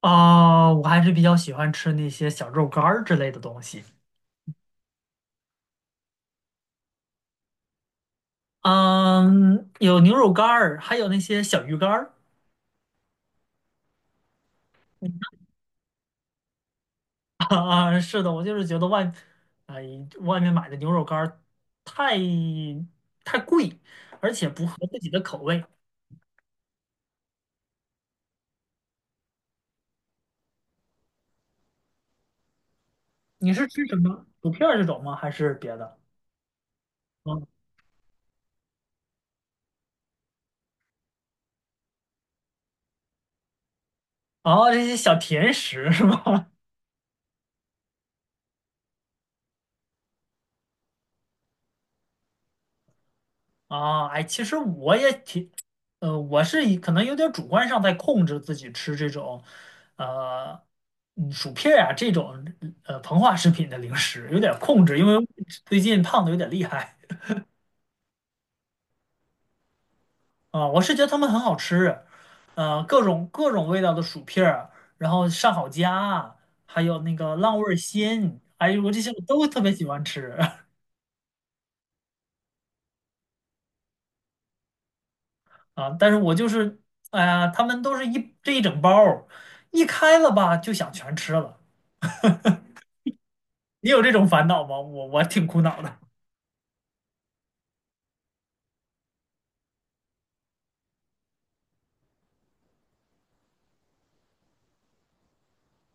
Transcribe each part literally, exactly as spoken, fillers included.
啊，我还是比较喜欢吃那些小肉干儿之类的东西。嗯，有牛肉干儿，还有那些小鱼干儿。啊，是的，我就是觉得外，哎，外面买的牛肉干儿太太贵，而且不合自己的口味。你是吃什么？薯片儿这种吗？还是别的？嗯，哦，这些小甜食是吗？啊，哎，其实我也挺，呃，我是以可能有点主观上在控制自己吃这种，呃，嗯薯片儿啊这种呃膨化食品的零食，有点控制，因为最近胖的有点厉害啊，我是觉得他们很好吃，呃，各种各种味道的薯片儿，然后上好佳啊，还有那个浪味儿仙，哎呦，我这些我都特别喜欢吃 啊，但是我就是，哎呀，他们都是一这一整包儿一开了吧就想全吃了。你有这种烦恼吗？我我挺苦恼的。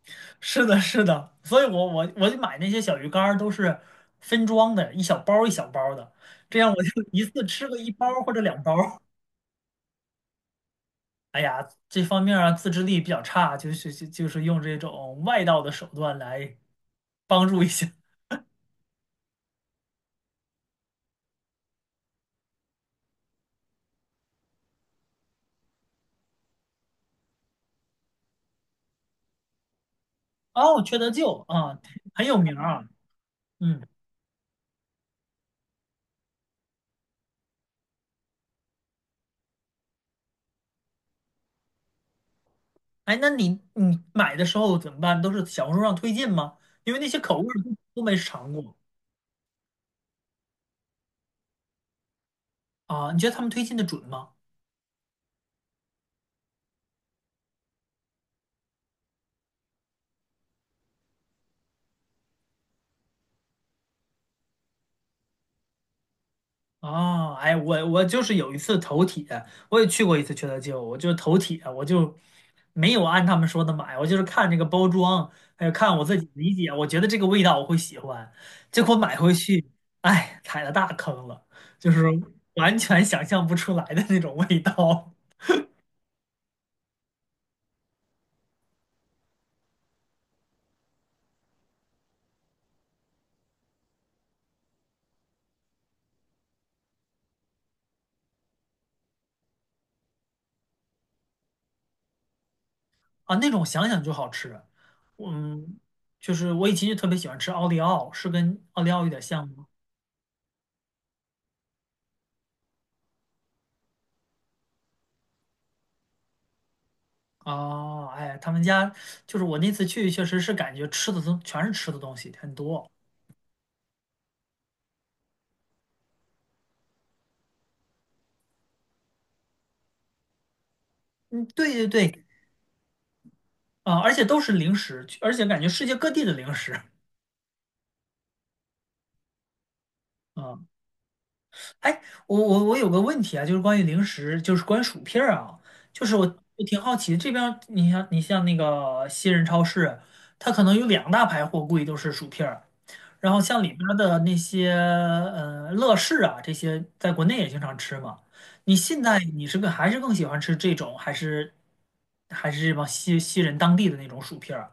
是的，是的，所以我我我就买那些小鱼干儿都是分装的，一小包儿一小包儿的，这样我就 一次吃个一包儿或者两包儿。哎呀，这方面啊自制力比较差，就是就就是用这种外道的手段来帮助一下。哦，缺德舅啊，很有名啊。嗯，哎，那你你买的时候怎么办？都是小红书上推荐吗？因为那些口味儿都都没尝过啊，你觉得他们推荐的准吗？哦，哎，我我就是有一次头铁，我也去过一次缺德街舞我就是头铁，我就没有按他们说的买，我就是看这个包装，还有看我自己理解，我觉得这个味道我会喜欢，结果买回去，哎，踩了大坑了，就是完全想象不出来的那种味道 啊，那种想想就好吃。嗯，就是我以前就特别喜欢吃奥利奥，是跟奥利奥有点像吗？哦，哎，他们家就是我那次去，确实是感觉吃的都全是吃的东西很多。嗯，对对对，啊、而且都是零食，而且感觉世界各地的零食。啊、哎，我我我有个问题啊，就是关于零食，就是关于薯片儿啊，就是我我挺好奇，这边儿你像你像那个西人超市，它可能有两大排货柜都是薯片儿，然后像里边儿的那些呃乐事啊这些，在国内也经常吃嘛。你现在你是个还是更喜欢吃这种，还是还是这帮西西人当地的那种薯片儿？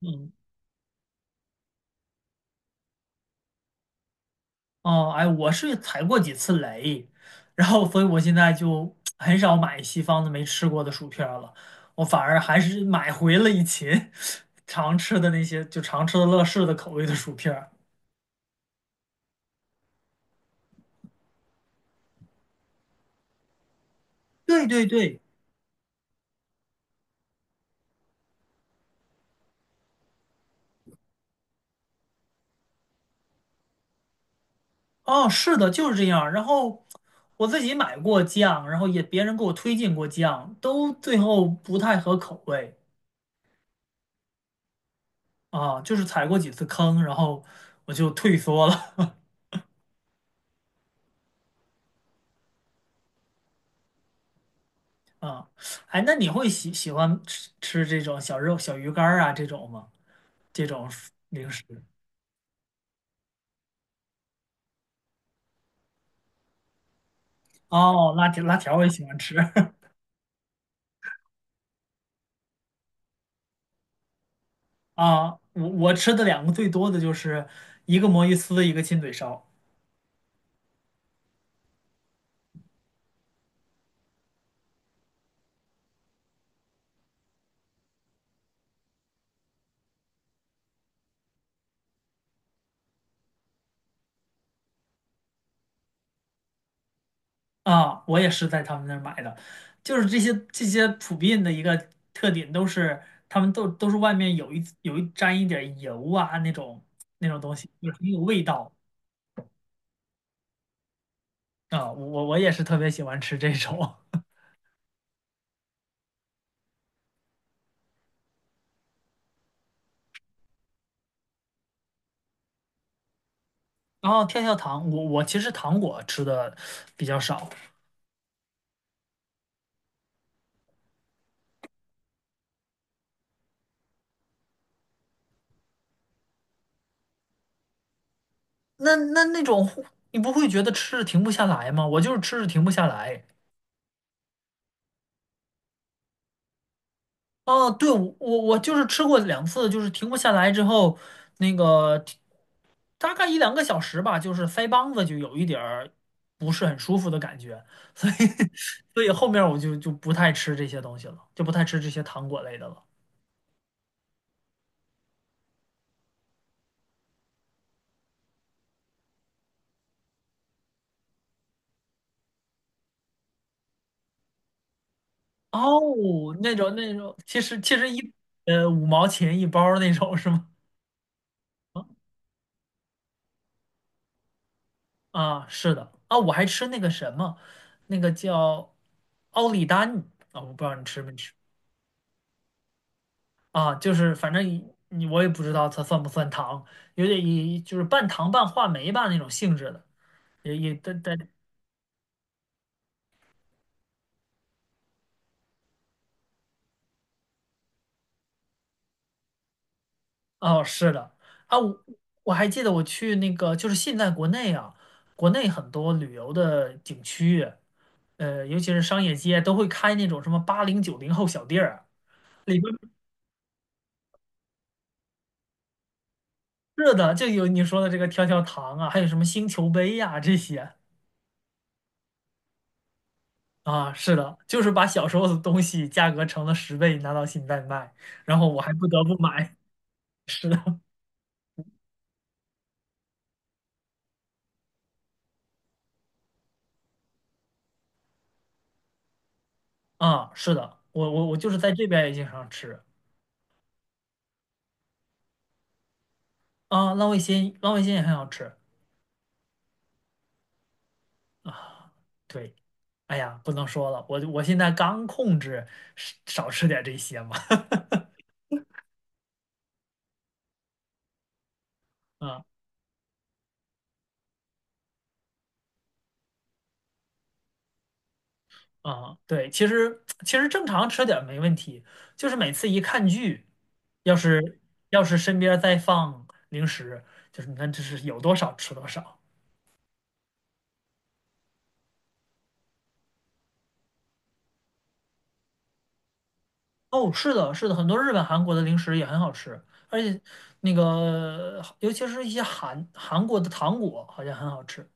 嗯哦，哎，我是踩过几次雷，然后所以我现在就很少买西方的没吃过的薯片儿了，我反而还是买回了以前 常吃的那些，就常吃的乐事的口味的薯片儿。对对对，哦，是的，就是这样儿然后我自己买过酱，然后也别人给我推荐过酱，都最后不太合口味啊，就是踩过几次坑，然后我就退缩了。啊，哎，那你会喜喜欢吃吃这种小肉、小鱼干儿啊这种吗？这种零食？哦，辣条辣条我也喜欢吃 啊。我我吃的两个最多的就是一个魔芋丝，一个亲嘴烧啊。我也是在他们那儿买的，就是这些这些普遍的一个特点都是他们都都是外面有一有一沾一点儿油啊那种那种东西，也很有味道啊。我我我也是特别喜欢吃这种。然后跳跳糖，我我其实糖果吃的比较少，那那那种你不会觉得吃着停不下来吗？我就是吃着停不下来。哦，对，我我我就是吃过两次，就是停不下来之后，那个大概一两个小时吧，就是腮帮子就有一点儿不是很舒服的感觉，所以 所以后面我就就不太吃这些东西了，就不太吃这些糖果类的了。哦，那种那种，其实其实一呃五毛钱一包儿那种是吗？啊，是的啊，我还吃那个什么，那个叫奥利丹啊，我不知道你吃没吃啊，就是反正一你我也不知道它算不算糖，有点一就是半糖半话梅吧那种性质的，也也但但哦是的啊，我我还记得我去那个就是现在国内啊，国内很多旅游的景区，呃，尤其是商业街都会开那种什么八零九零后小店儿啊。是的，就有你说的这个跳跳糖啊，还有什么星球杯呀、这些啊，是的，就是把小时候的东西价格乘了十倍拿到现在卖，然后我还不得不买。是的，啊，是的，我我我就是在这边也经常吃啊，浪味仙浪味仙也很好吃啊。对，哎呀，不能说了，我我现在刚控制少少吃点这些嘛。啊。啊，对，其实其实正常吃点儿没问题，就是每次一看剧，要是要是身边儿再放零食，就是你看这是有多少吃多少。哦，是的，是的，很多日本、韩国的零食也很好吃，而且那个尤其是一些韩韩国的糖果好像很好吃。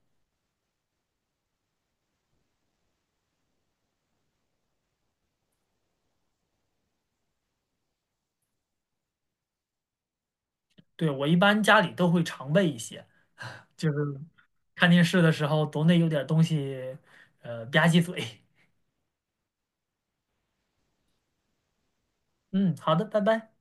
对，我一般家里都会常备一些，就是看电视的时候总得有点儿东西，呃，吧唧嘴。嗯，好的，拜拜。